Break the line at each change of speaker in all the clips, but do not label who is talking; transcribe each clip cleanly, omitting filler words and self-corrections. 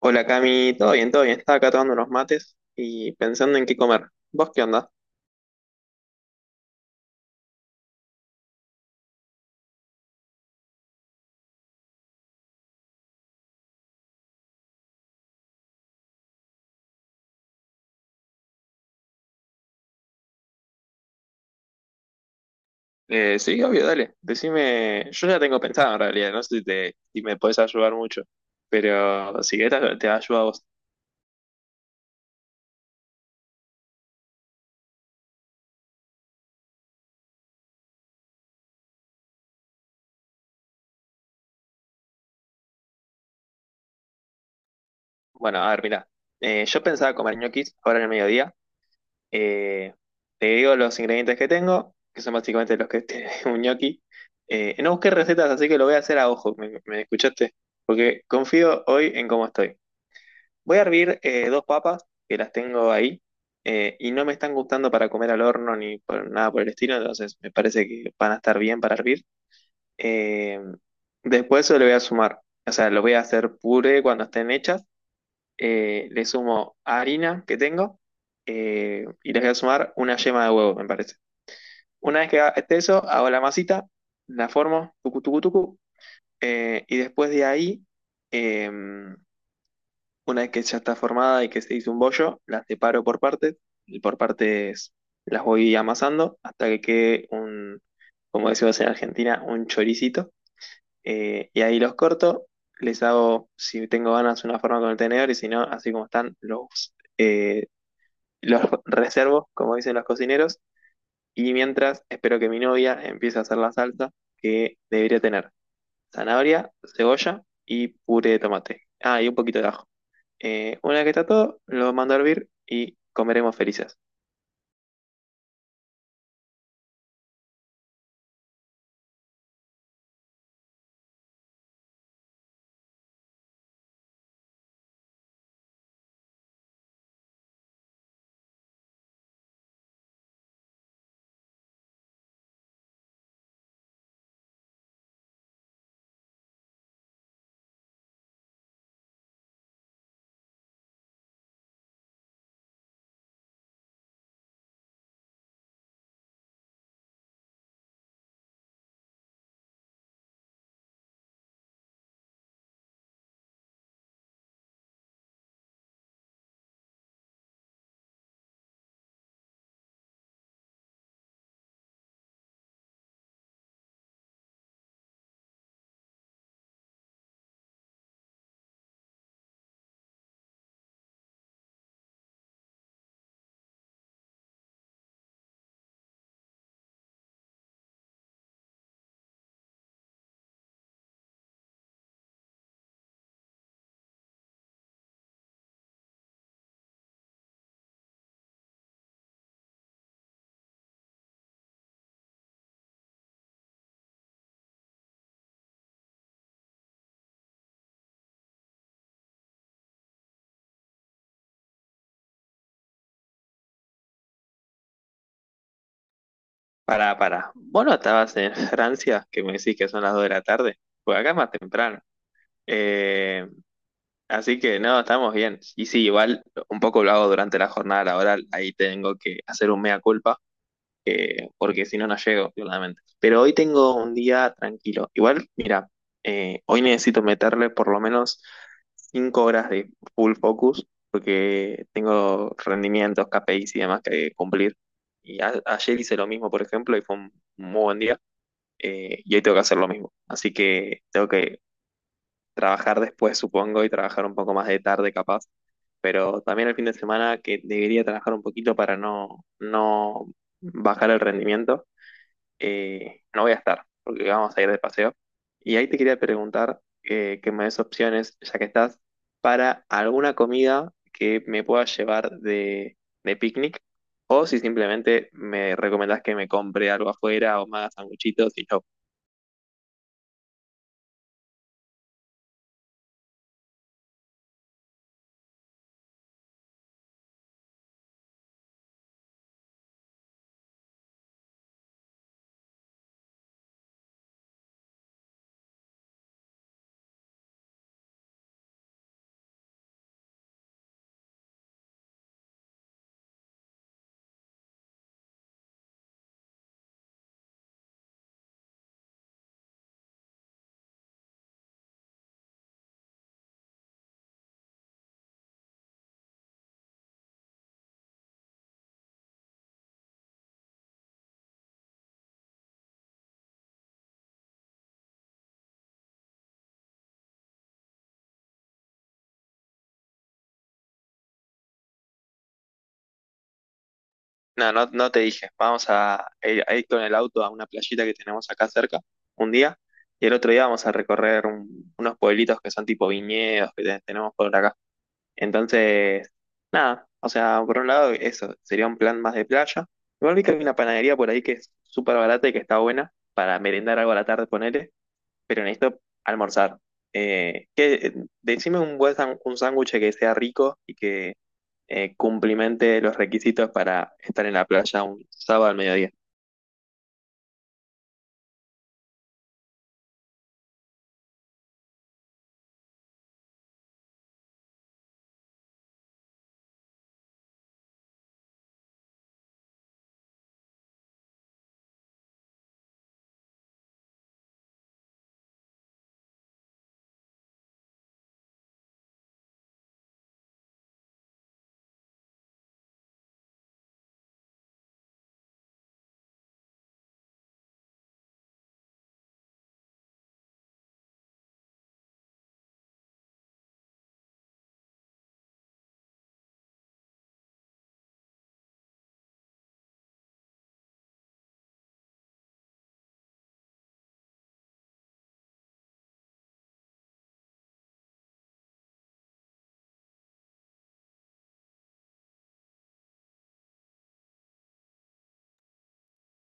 Hola Cami, todo bien, todo bien. Estaba acá tomando unos mates y pensando en qué comer. ¿Vos qué onda? Sí, obvio, dale. Decime, yo ya tengo pensado en realidad, no sé si me podés ayudar mucho, pero si querés te ayudo a vos. Bueno, a ver, mirá. Yo pensaba comer ñoquis ahora en el mediodía. Eh, Te digo los ingredientes que tengo, que son básicamente los que tiene un ñoqui. No busqué recetas, así que lo voy a hacer a ojo, me escuchaste? Porque confío hoy en cómo estoy. Voy a hervir dos papas que las tengo ahí y no me están gustando para comer al horno ni nada por el estilo, entonces me parece que van a estar bien para hervir. Eh, Después se le voy a sumar, o sea, lo voy a hacer puré cuando estén hechas. Le sumo harina que tengo y les voy a sumar una yema de huevo, me parece. Una vez que esté eso, hago la masita, la formo, tucu, tucu, tucu, y después de ahí. em, una vez que ya está formada y que se hizo un bollo, las separo por partes y por partes las voy amasando hasta que quede un, como decimos en Argentina, un choricito. Y ahí los corto, les hago, si tengo ganas, una forma con el tenedor y si no, así como están, los reservo, como dicen los cocineros. Y mientras, espero que mi novia empiece a hacer la salsa que debería tener zanahoria, cebolla y puré de tomate. Ah, y un poquito de ajo. Una que está todo, lo mando a hervir y comeremos felices. Pará, pará. ¿Vos no estabas en Francia, que me decís que son las 2 de la tarde? Pues acá es más temprano. Eh, Así que no, estamos bien. Y sí, igual un poco lo hago durante la jornada laboral. Ahí tengo que hacer un mea culpa, porque si no, no llego, claramente. Pero hoy tengo un día tranquilo. Igual, mira, hoy necesito meterle por lo menos cinco horas de full focus porque tengo rendimientos, KPIs y demás que cumplir. Y ayer hice lo mismo, por ejemplo, y fue un muy buen día. Y hoy tengo que hacer lo mismo. Así que tengo que trabajar después, supongo, y trabajar un poco más de tarde, capaz. Pero también el fin de semana que debería trabajar un poquito para no bajar el rendimiento no voy a estar, porque vamos a ir de paseo. Y ahí te quería preguntar que me des opciones, ya que estás, para alguna comida que me pueda llevar de picnic, o si simplemente me recomendás que me compre algo afuera o me haga sanguchitos y yo. No, no, no te dije, vamos a ir con el auto a una playita que tenemos acá cerca un día, y el otro día vamos a recorrer unos pueblitos que son tipo viñedos que tenemos por acá. Entonces, nada, o sea, por un lado eso, sería un plan más de playa. Igual vi que hay una panadería por ahí que es súper barata y que está buena para merendar algo a la tarde, ponele, pero necesito almorzar. Eh, que, decime un buen un sándwich que sea rico y que cumplimente los requisitos para estar en la playa un sábado al mediodía.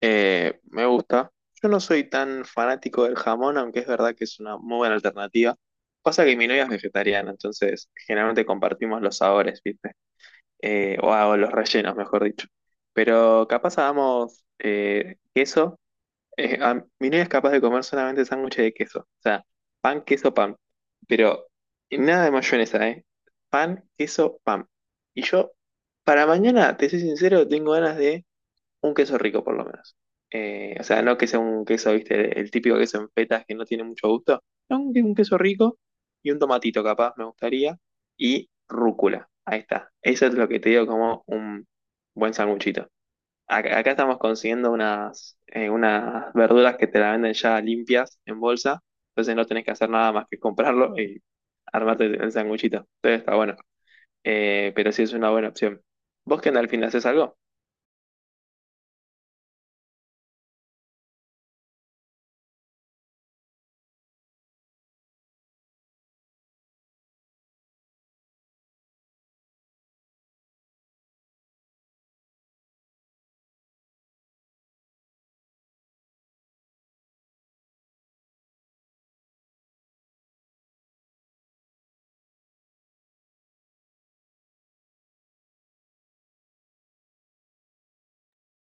Me gusta. Yo no soy tan fanático del jamón, aunque es verdad que es una muy buena alternativa. Pasa que mi novia es vegetariana, entonces generalmente compartimos los sabores, ¿viste? O hago los rellenos, mejor dicho. Pero capaz hagamos queso. Mi novia es capaz de comer solamente sándwiches de queso. O sea, pan, queso, pan. Pero nada de mayonesa, ¿eh? Pan, queso, pan. Y yo, para mañana, te soy sincero, tengo ganas de un queso rico por lo menos. O sea, no que sea un queso, viste, el típico queso en fetas que no tiene mucho gusto. No, un queso rico y un tomatito capaz me gustaría. Y rúcula. Ahí está. Eso es lo que te digo como un buen sanguchito. Acá estamos consiguiendo unas, unas verduras que te la venden ya limpias en bolsa. Entonces no tenés que hacer nada más que comprarlo y armarte el sanguchito. Entonces está bueno. Pero sí es una buena opción. ¿Vos qué onda al fin haces algo?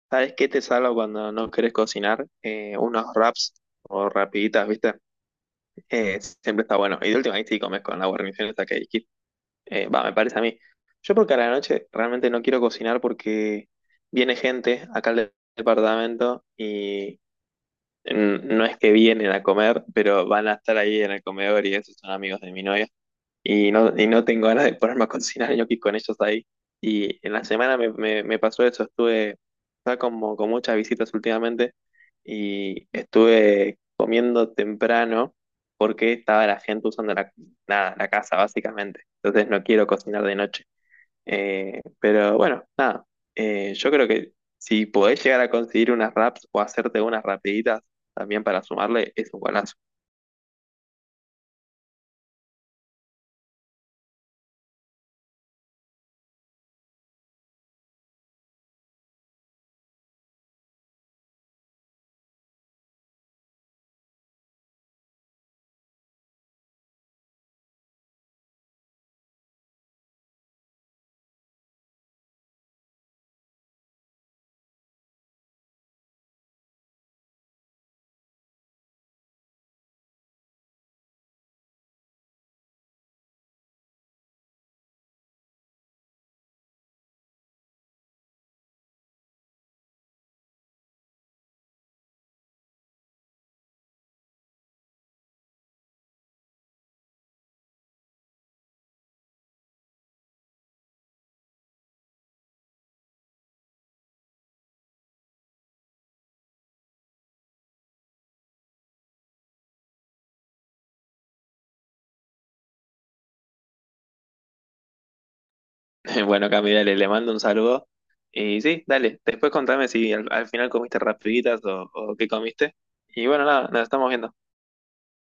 ¿Sabes qué te salva cuando no querés cocinar? Unos wraps o rapiditas, ¿viste? Siempre está bueno. Y de última ahí sí comes con la guarnición esta que dijiste. Me parece a mí. Yo porque a la noche realmente no quiero cocinar porque viene gente acá al departamento y no es que vienen a comer, pero van a estar ahí en el comedor y esos son amigos de mi novia. Y no tengo ganas de ponerme a cocinar ñoquis con ellos ahí. Y en la semana me pasó eso, estuve, estaba como con muchas visitas últimamente y estuve comiendo temprano porque estaba la gente usando la, nada, la casa básicamente. Entonces no quiero cocinar de noche. Pero bueno, nada, yo creo que si podés llegar a conseguir unas wraps o hacerte unas rapiditas también para sumarle, es un golazo. Bueno, Cami, dale, le mando un saludo. Y sí, dale, después contame si al final comiste rapiditas o qué comiste. Y bueno, nada, nos estamos viendo.